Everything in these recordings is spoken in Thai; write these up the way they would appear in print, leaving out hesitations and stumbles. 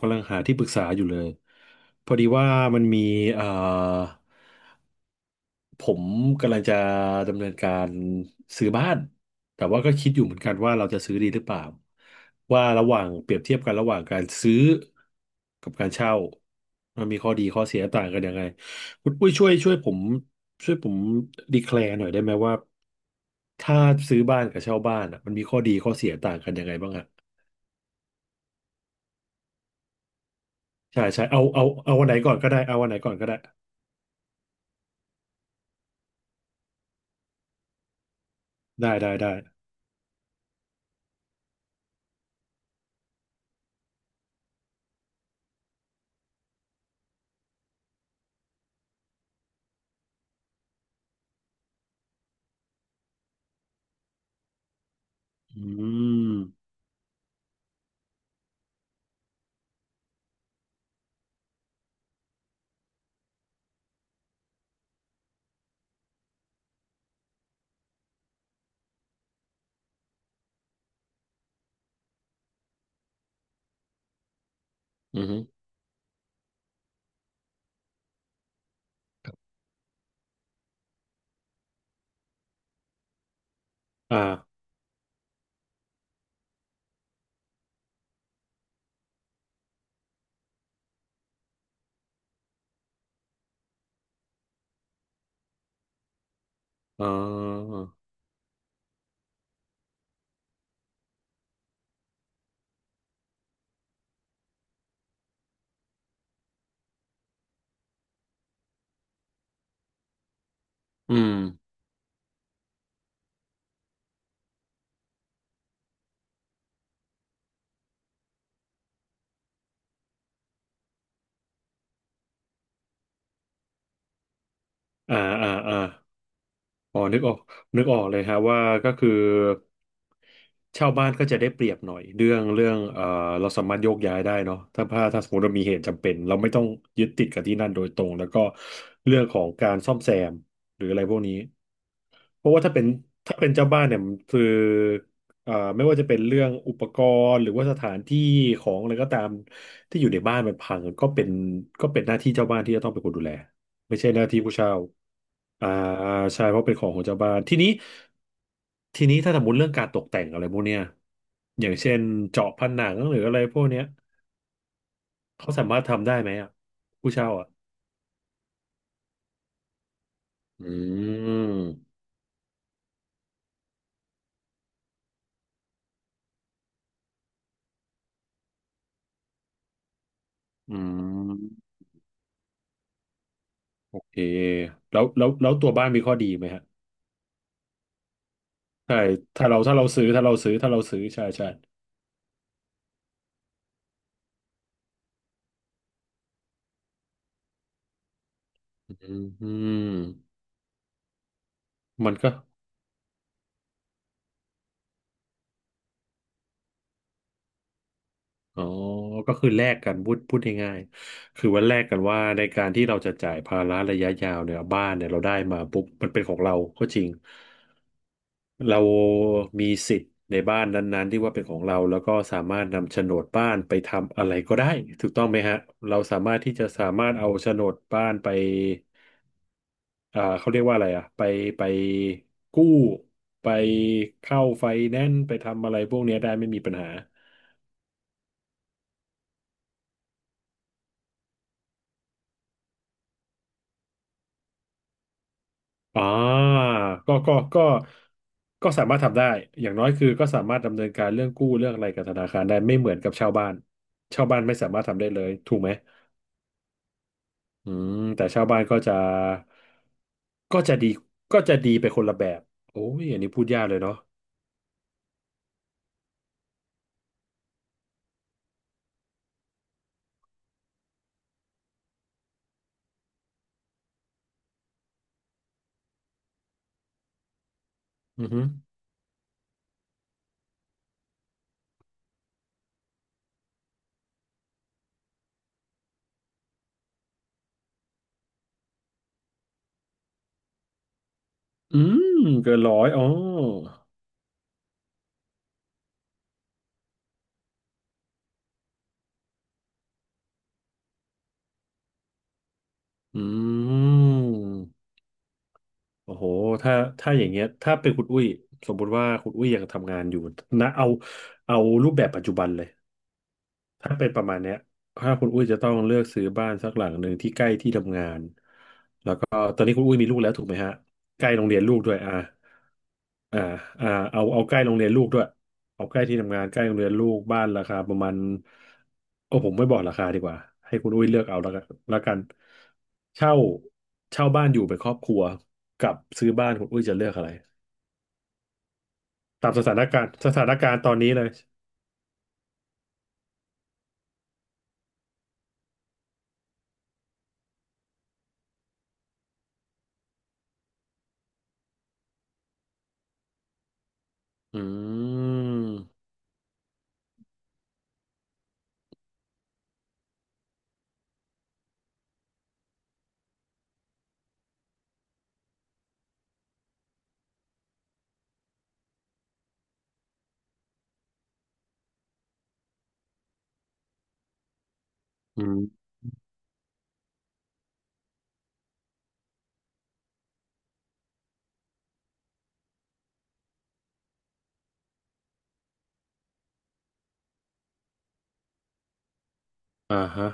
กำลังหาที่ปรึกษาอยู่เลยพอดีว่ามันมีเอ่อผมกำลังจะดำเนินการซื้อบ้านแต่ว่าก็คิดอยู่เหมือนกันว่าเราจะซื้อดีหรือเปล่าว่าระหว่างเปรียบเทียบกันระหว่างการซื้อกับการเช่ามันมีข้อดีข้อเสียต่างกันยังไงคุณอุ้ยช่วยผมดีแคลร์หน่อยได้ไหมว่าถ้าซื้อบ้านกับเช่าบ้านอ่ะมันมีข้อดีข้อเสียต่างกันยังไงบ้างอะใช่ใช่เอาวันไหนก่อนก็ได้เอาวันไหนก่อนก็ได้ได้ได้ได้ อืมอืมอฮึอ่าอ๋ออืมอ่าอ่าอ่าอ๋อนึกออกนึกออกเลยฮะว่าก็คือเช่าบ้านก็จะได้เปรียบหน่อย เรื่องเรื่องเราสามารถโยกย้ายได้เนาะถ้าสมมติเรามีเหตุจำเป็นเราไม่ต้องยึดติดกับที่นั่นโดยตรงแล้วก็เรื่องของการซ่อมแซมหรืออะไรพวกนี้ เพราะว่าถ้าเป็นเจ้าบ้านเนี่ยมันคือไม่ว่าจะเป็นเรื่องอุปกรณ์หรือว่าสถานที่ของอะไรก็ตามที่อยู่ในบ้านมันพังก็เป็นหน้าที่เจ้าบ้านที่จะต้องเป็นคนดูแลไม่ใช่หน้าที่ผู้เช่าอ่าใช่เพราะเป็นของของเจ้าบ้านทีนี้ถ้าสมมติเรื่องการตกแต่งอะไรพวกเนี้ยอย่างเช่นเจาะผนังหรืออะไรพวกเนี้ยเขาสามารถทำได้ไหมอ่ะผู้เช่าอ่ะอืมอืมโอเคแล้วตัวบ้านมีข้อดีไหมฮะ ใช่ถ้าเราถ้าเราซื้อถ้าเราซื้อถ้าเราซื้อใช่ใช่อืมมันก็อ๋อก็คือแลกกันพูดพูดง่ายๆคือว่าแลกกันว่าในการที่เราจะจ่ายภาระระยะยาวเนี่ยบ้านเนี่ยเราได้มาปุ๊บมันเป็นของเราก็จริงเรามีสิทธิ์ในบ้านนั้นๆที่ว่าเป็นของเราแล้วก็สามารถนำโฉนดบ้านไปทำอะไรก็ได้ถูกต้องไหมฮะเราสามารถที่จะสามารถเอาโฉนดบ้านไป อ่าเขาเรียกว่าอะไรอ่ะไปไปกู้ไปเข้าไฟแนนซ์ไปทำอะไรพวกเนี้ยได้ไม่มีปัญหาอ่าก็ก็ก็ก็สามารถทำได้อย่างน้อยคือก็สามารถดำเนินการเรื่องกู้เรื่องอะไรกับธนาคารได้ไม่เหมือนกับเช่าบ้านเช่าบ้านไม่สามารถทำได้เลยถูกไหมอืมแต่เช่าบ้านก็จะดีก็จะดีไปคนละแบบโอ้ยอันนี้พูดยากเลยเนาะอือหืออืมเกินร้อยอ๋ออืม โอ้โหถ้าถ้าอย่างเงี้ยถ้าเป็นคุณอุ้ยสมมุติว่าคุณอุ้ยยังทำงานอยู่นะเอารูปแบบปัจจุบันเลยถ้าเป็นประมาณเนี้ยถ้าคุณอุ้ยจะต้องเลือกซื้อบ้านสักหลังหนึ่งที่ใกล้ที่ทำงานก็ตอนนี้คุณอุ้ยมีลูกแล้วถูกไหมฮะใกล้โรงเรียนลูกด้วยอ่าอ่าอ่าเอาใกล้โรงเรียนลูกด้วยเอาใกล้ที่ทำงานใกล้โรงเรียนลูกบ้านราคาประมาณโอ้ผมไม่บอกราคาดีกว่าให้คุณอุ้ยเลือกเอาแล้วกันแล้วกันเช่าเช่าบ้านอยู่เป็นครอบครัวกับซื้อบ้านคุณอุ้ยจะเลือกอะไร ตามสถานการณ์สถานการณ์ตอนนี้เลย อืมอืมอ่าฮะ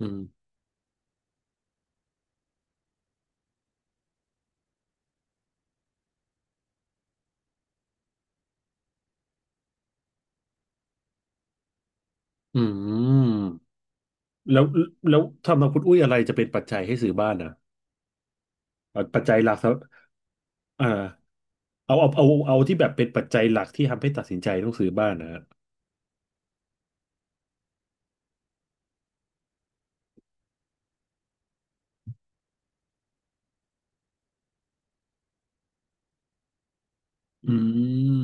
อืมอืมแล้วแล้วทำนองคุณอุ้ยอะไรจะเป็นปัจจัยให้ซื้อบ้านอ่ะปัจจัยหลักสำอ่าเอาที่แบบเป็นปัจจัยหลักที่ทำให้ตัดสินใจต้องซื้อบ้านนะฮะอืม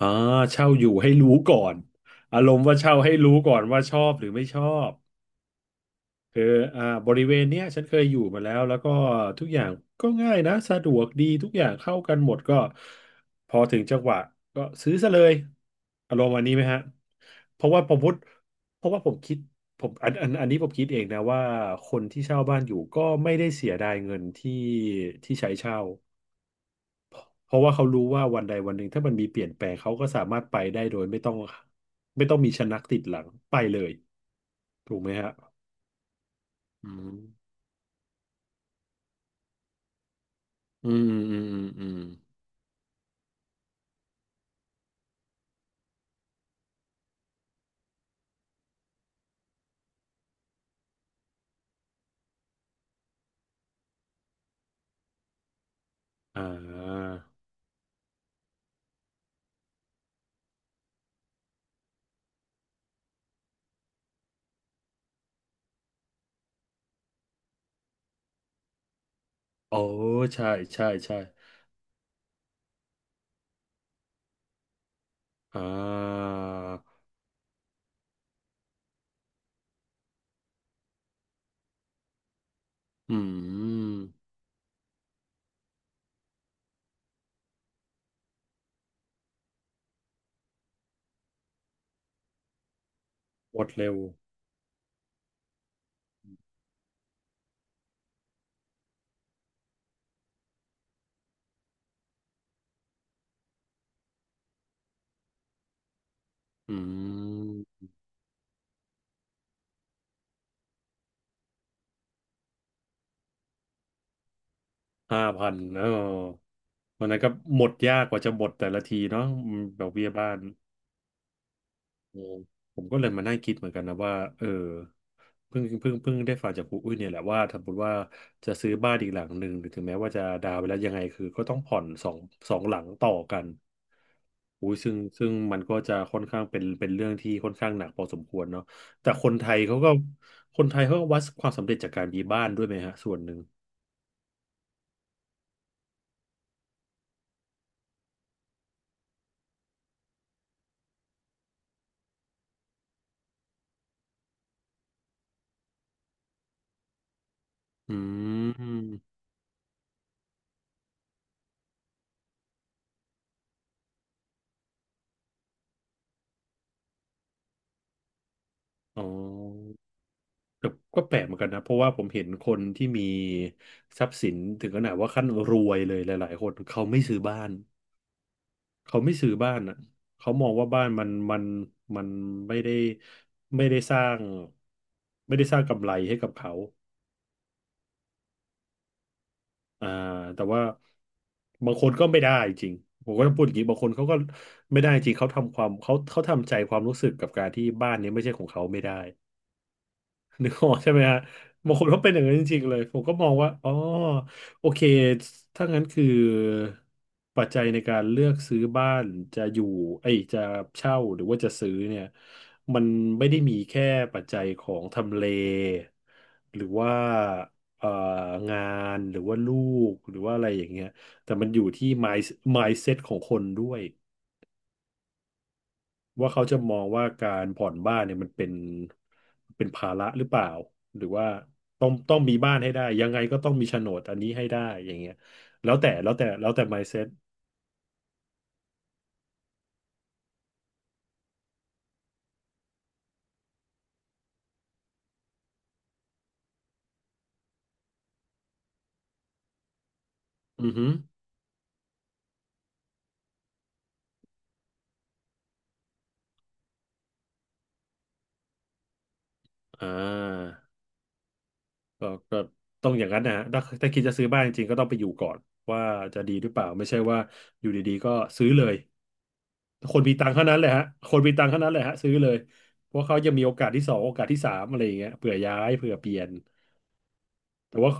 อ่าเช่าอยู่ให้รู้ก่อนอารมณ์ว่าเช่าให้รู้ก่อนว่าชอบหรือไม่ชอบ คืออ่าบริเวณเนี้ยฉันเคยอยู่มาแล้วแล้วก็ทุกอย่างก็ง่ายนะสะดวกดีทุกอย่างเข้ากันหมดก็พอถึงจังหวะก็ซื้อซะเลยอารมณ์วันนี้ไหมฮะเพราะว่าผมพูดเพราะว่าผมคิดผมอันนี้ผมคิดเองนะว่าคนที่เช่าบ้านอยู่ก็ไม่ได้เสียดายเงินที่ที่ใช้เช่าเพราะว่าเขารู้ว่าวันใดวันหนึ่งถ้ามันมีเปลี่ยนแปลงเขาก็สามารถไปได้โดยไม่ต้องมีชะนักติดหลังไปเลยถูกไหมฮะอืม อืมอืมอืมอืมอ่าโอ้ใช่ใช่ใช่อ่าอืมหมดเร็วอืมห้าพันอ๋อวันนั้นก็หมดยากกว่าจะหมดแต่ละทีเนาะอืมดอกเบี้ยบ้าน อืมผมก็เลยมานั่งคิดเหมือนกันนะว่าเพิ่งได้ฟังจากครูอุ้ยเนี่ยแหละว่าถ้าสมมติว่าจะซื้อบ้านอีกหลังหนึ่งหรือถึงแม้ว่าจะดาวน์ไปแล้วยังไงคือก็ต้องผ่อนสองหลังต่อกันอุ้ยซึ่งมันก็จะค่อนข้างเป็นเรื่องที่ค่อนข้างหนักพอสมควรเนาะแต่คนไทยเขาก็คนไทยเขาก็วัดความสำเร็จจากการมีบ้านด้วยไหมฮะส่วนหนึ่งอืมอ๋อ ก็ก็แปลกเหมือนกันนะเพราะว่าผมเห็นคนที่มีทรัพย์สินถึงขนาดว่าขั้นรวยเลยหลายๆคนเขาไม่ซื้อบ้านเขาไม่ซื้อบ้านอ่ะเขามองว่าบ้านมันมันไม่ได้ไม่ได้สร้างไม่ได้สร้างกำไรให้กับเขาอ่าแต่ว่าบางคนก็ไม่ได้จริงผมก็ต้องพูดอย่างนี้บางคนเขาก็ไม่ได้จริงเขาทำความเขาทำใจความรู้สึกกับการที่บ้านนี้ไม่ใช่ของเขาไม่ได้ นึกออกใช่ไหมฮะบางคนเขาเป็นอย่างนั้นจริงๆเลยผมก็มองว่าอ๋อโอเคถ้างั้นคือปัจจัยในการเลือกซื้อบ้านจะอยู่ไอ้ยจะเช่าหรือว่าจะซื้อเนี่ยมันไม่ได้มีแค่ปัจจัยของทำเลหรือว่าเอ่องานหรือว่าลูกหรือว่าอะไรอย่างเงี้ยแต่มันอยู่ที่ mindset ของคนด้วย ว่าเขาจะมองว่าการผ่อนบ้านเนี่ยมันเป็นภาระหรือเปล่าหรือว่าต้องมีบ้านให้ได้ยังไงก็ต้องมีโฉนดอันนี้ให้ได้อย่างเงี้ยแล้วแต่ mindset อือฮึอ่าก็ก็ต้องอย่างนั้นนะฮะถ้าคิดจะซื้อบ้านจริงๆก็ต้องไปอยู่ก่อนว่าจะดีหรือเปล่าไม่ใช่ว่าอยู่ดีๆก็ซื้อเลยคนมีตังค์เท่านั้นเลยฮะคนมีตังค์เท่านั้นเลยฮะซื้อเลยเพราะเขายังมีโอกาสที่สองโอกาสที่สามอะไรอย่างเงี้ยเผื่อย้ายเผื่อเปลี่ยนแต่ว่า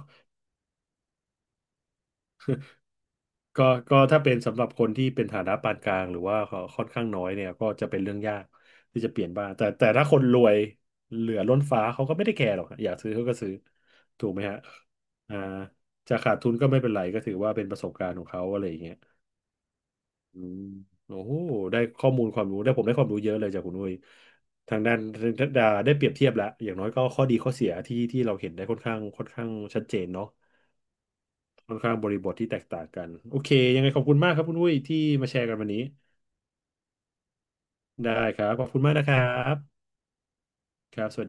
ก็ก็ถ้าเป็นสำหรับคนที่เป็นฐานะปานกลางหรือว่าค่อนข้างน้อยเนี่ยก็จะเป็นเรื่องยากที่จะเปลี่ยนบ้านแต่ถ้าคนรวยเหลือล้นฟ้าเขาก็ไม่ได้แคร์หรอกฮะอยากซื้อเขาก็ซื้อถูกไหมฮะอ่าจะขาดทุนก็ไม่เป็นไรก็ถือว่าเป็นประสบการณ์ของเขาอะไรอย่างเงี้ยอืมโอ้โหได้ข้อมูลความรู้ได้ผมได้ความรู้เยอะเลยจากคุณนุ้ยทางด้านได้เปรียบเทียบแล้วอย่างน้อยก็ข้อดีข้อเสียที่เราเห็นได้ค่อนข้างชัดเจนเนาะ ค่อนข้างบริบทที่แตกต่างกันโอเคยังไงขอบคุณมากครับคุณอุ้ยที่มาแชร์กันวันนี้ได้ครับขอบคุณมากนะครับครับสวัสดี